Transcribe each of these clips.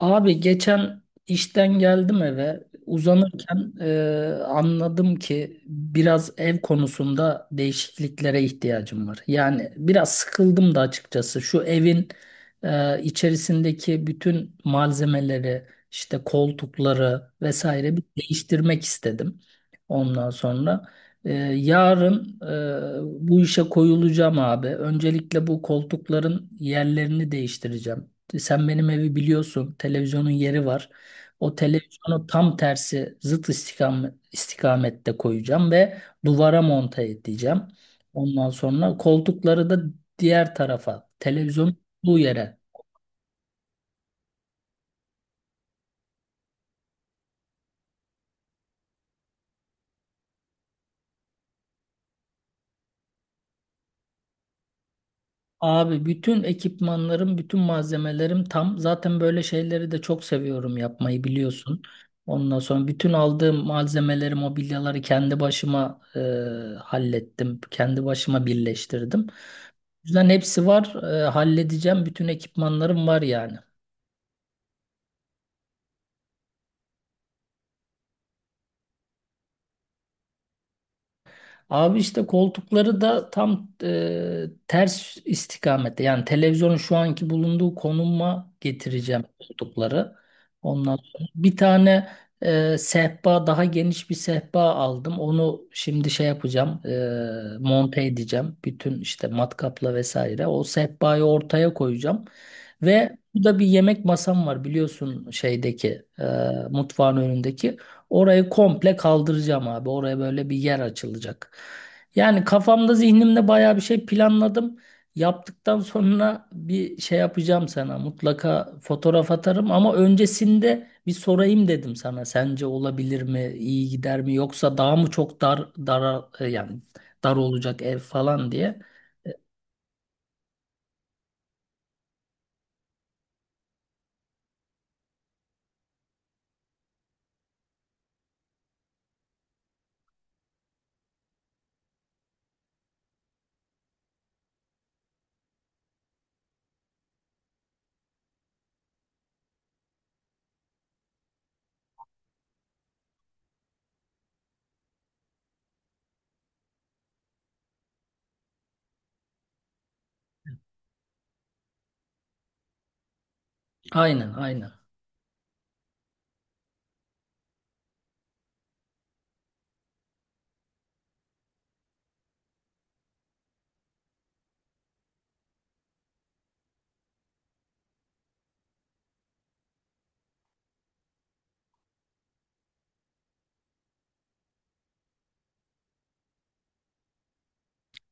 Abi geçen işten geldim eve uzanırken anladım ki biraz ev konusunda değişikliklere ihtiyacım var. Yani biraz sıkıldım da açıkçası şu evin içerisindeki bütün malzemeleri işte koltukları vesaire bir değiştirmek istedim. Ondan sonra yarın bu işe koyulacağım abi. Öncelikle bu koltukların yerlerini değiştireceğim. Sen benim evi biliyorsun. Televizyonun yeri var. O televizyonu tam tersi zıt istikamette koyacağım ve duvara monte edeceğim. Ondan sonra koltukları da diğer tarafa, televizyonun olduğu yere. Abi bütün ekipmanlarım, bütün malzemelerim tam. Zaten böyle şeyleri de çok seviyorum yapmayı biliyorsun. Ondan sonra bütün aldığım malzemeleri, mobilyaları kendi başıma hallettim. Kendi başıma birleştirdim. Yüzden hepsi var. Halledeceğim. Bütün ekipmanlarım var yani. Abi işte koltukları da tam ters istikamette. Yani televizyonun şu anki bulunduğu konuma getireceğim koltukları. Ondan sonra bir tane sehpa daha geniş bir sehpa aldım. Onu şimdi şey yapacağım monte edeceğim. Bütün işte matkapla vesaire. O sehpayı ortaya koyacağım. Ve burada bir yemek masam var biliyorsun şeydeki, mutfağın önündeki. Orayı komple kaldıracağım abi. Oraya böyle bir yer açılacak. Yani kafamda zihnimde baya bir şey planladım. Yaptıktan sonra bir şey yapacağım sana. Mutlaka fotoğraf atarım ama öncesinde bir sorayım dedim sana. Sence olabilir mi? İyi gider mi? Yoksa daha mı çok dar yani dar olacak ev falan diye. E, Aynen, aynen.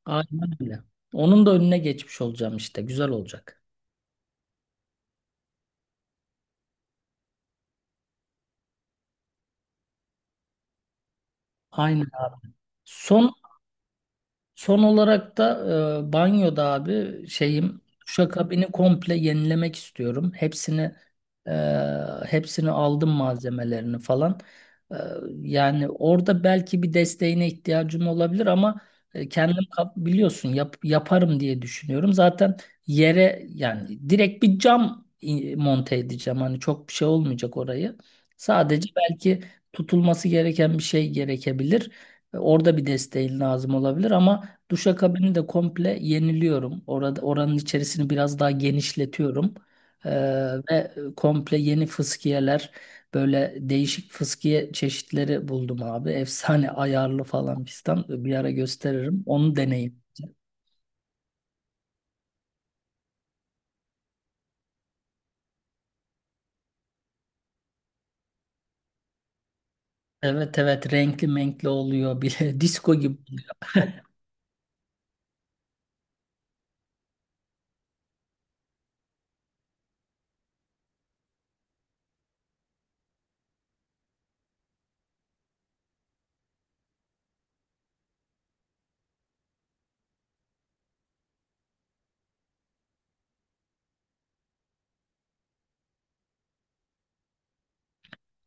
Aynen öyle. Onun da önüne geçmiş olacağım işte. Güzel olacak. Aynen abi. Son. Son olarak da banyoda abi şeyim duşakabini komple yenilemek istiyorum. Hepsini e, hepsini aldım malzemelerini falan. E, Yani orada belki bir desteğine ihtiyacım olabilir ama kendim biliyorsun yaparım diye düşünüyorum. Zaten yere yani direkt bir cam monte edeceğim. Hani çok bir şey olmayacak orayı. Sadece belki tutulması gereken bir şey gerekebilir. Orada bir desteğin lazım olabilir ama duşakabini de komple yeniliyorum. Orada oranın içerisini biraz daha genişletiyorum. Ee, Ve komple yeni fıskiyeler, böyle değişik fıskiye çeşitleri buldum abi. Efsane ayarlı falan fistan. Bir ara gösteririm. Onu deneyin. Evet, evet, renkli menkli oluyor bile. Disko gibi.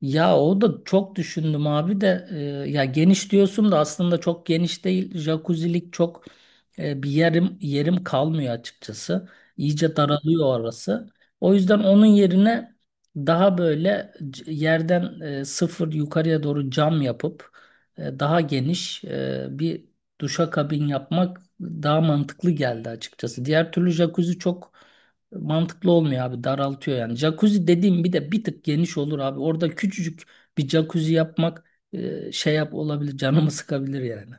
Ya o da çok düşündüm abi de ya geniş diyorsun da aslında çok geniş değil. Jacuzzilik çok bir yerim kalmıyor açıkçası. İyice daralıyor orası. O yüzden onun yerine daha böyle yerden sıfır yukarıya doğru cam yapıp daha geniş bir duşakabin yapmak daha mantıklı geldi açıkçası. Diğer türlü jacuzzi çok mantıklı olmuyor abi, daraltıyor yani. Jacuzzi dediğim bir de bir tık geniş olur abi. Orada küçücük bir jacuzzi yapmak e, şey yap olabilir, canımı sıkabilir yani.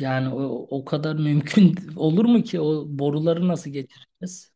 Yani o kadar mümkün olur mu ki? O boruları nasıl geçireceğiz?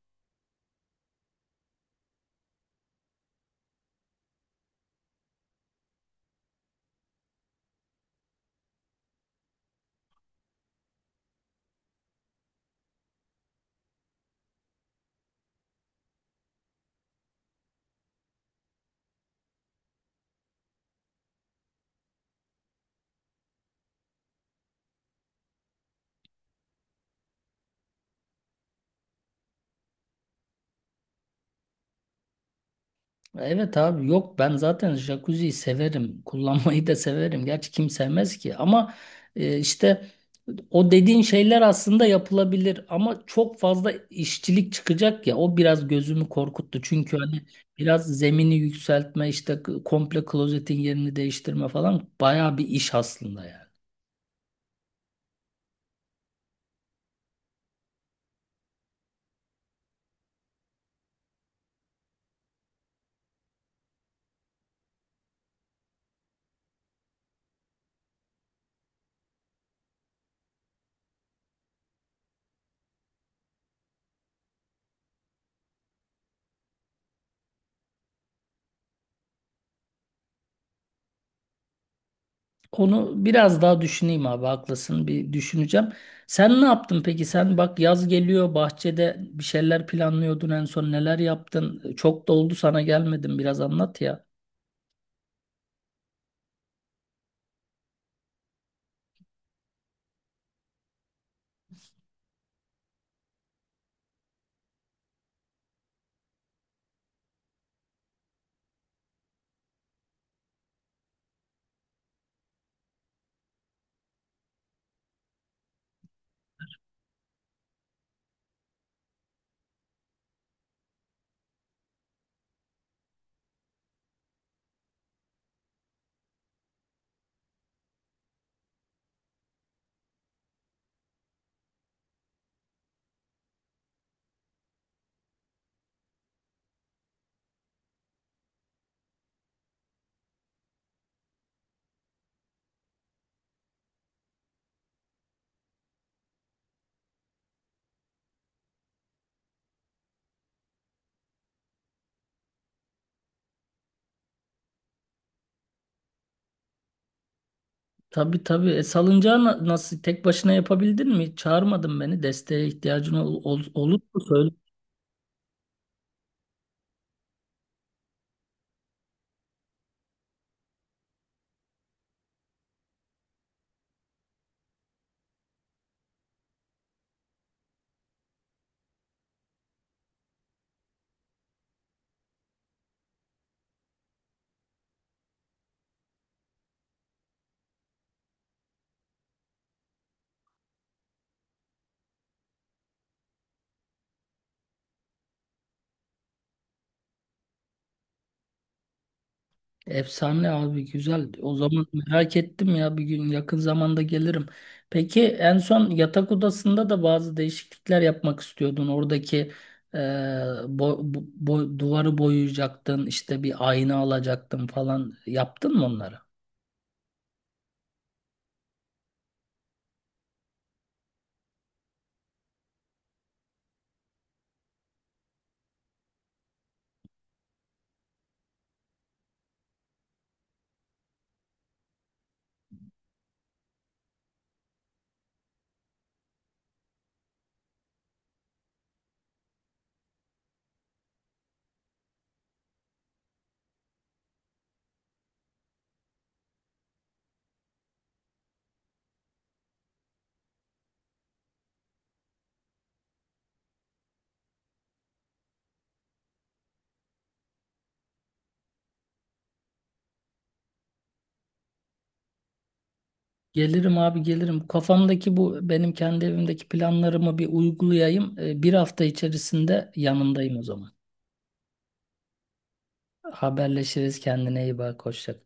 Evet abi, yok, ben zaten jacuzziyi severim. Kullanmayı da severim. Gerçi kim sevmez ki ama işte o dediğin şeyler aslında yapılabilir ama çok fazla işçilik çıkacak ya, o biraz gözümü korkuttu. Çünkü hani biraz zemini yükseltme, işte komple klozetin yerini değiştirme falan bayağı bir iş aslında yani. Onu biraz daha düşüneyim abi, haklısın, bir düşüneceğim. Sen ne yaptın peki? Sen bak, yaz geliyor, bahçede bir şeyler planlıyordun, en son neler yaptın? Çok da oldu sana gelmedim, biraz anlat ya. Tabii, tabii, salıncağı nasıl tek başına yapabildin mi? Hiç çağırmadın beni, desteğe ihtiyacın olur mu? Efsane abi, güzel. O zaman merak ettim ya, bir gün yakın zamanda gelirim. Peki en son yatak odasında da bazı değişiklikler yapmak istiyordun. Oradaki duvarı boyayacaktın, işte bir ayna alacaktın falan. Yaptın mı onları? Gelirim abi, gelirim. Kafamdaki bu benim kendi evimdeki planlarımı bir uygulayayım. Bir hafta içerisinde yanındayım o zaman. Haberleşiriz, kendine iyi bak. Hoşça kal.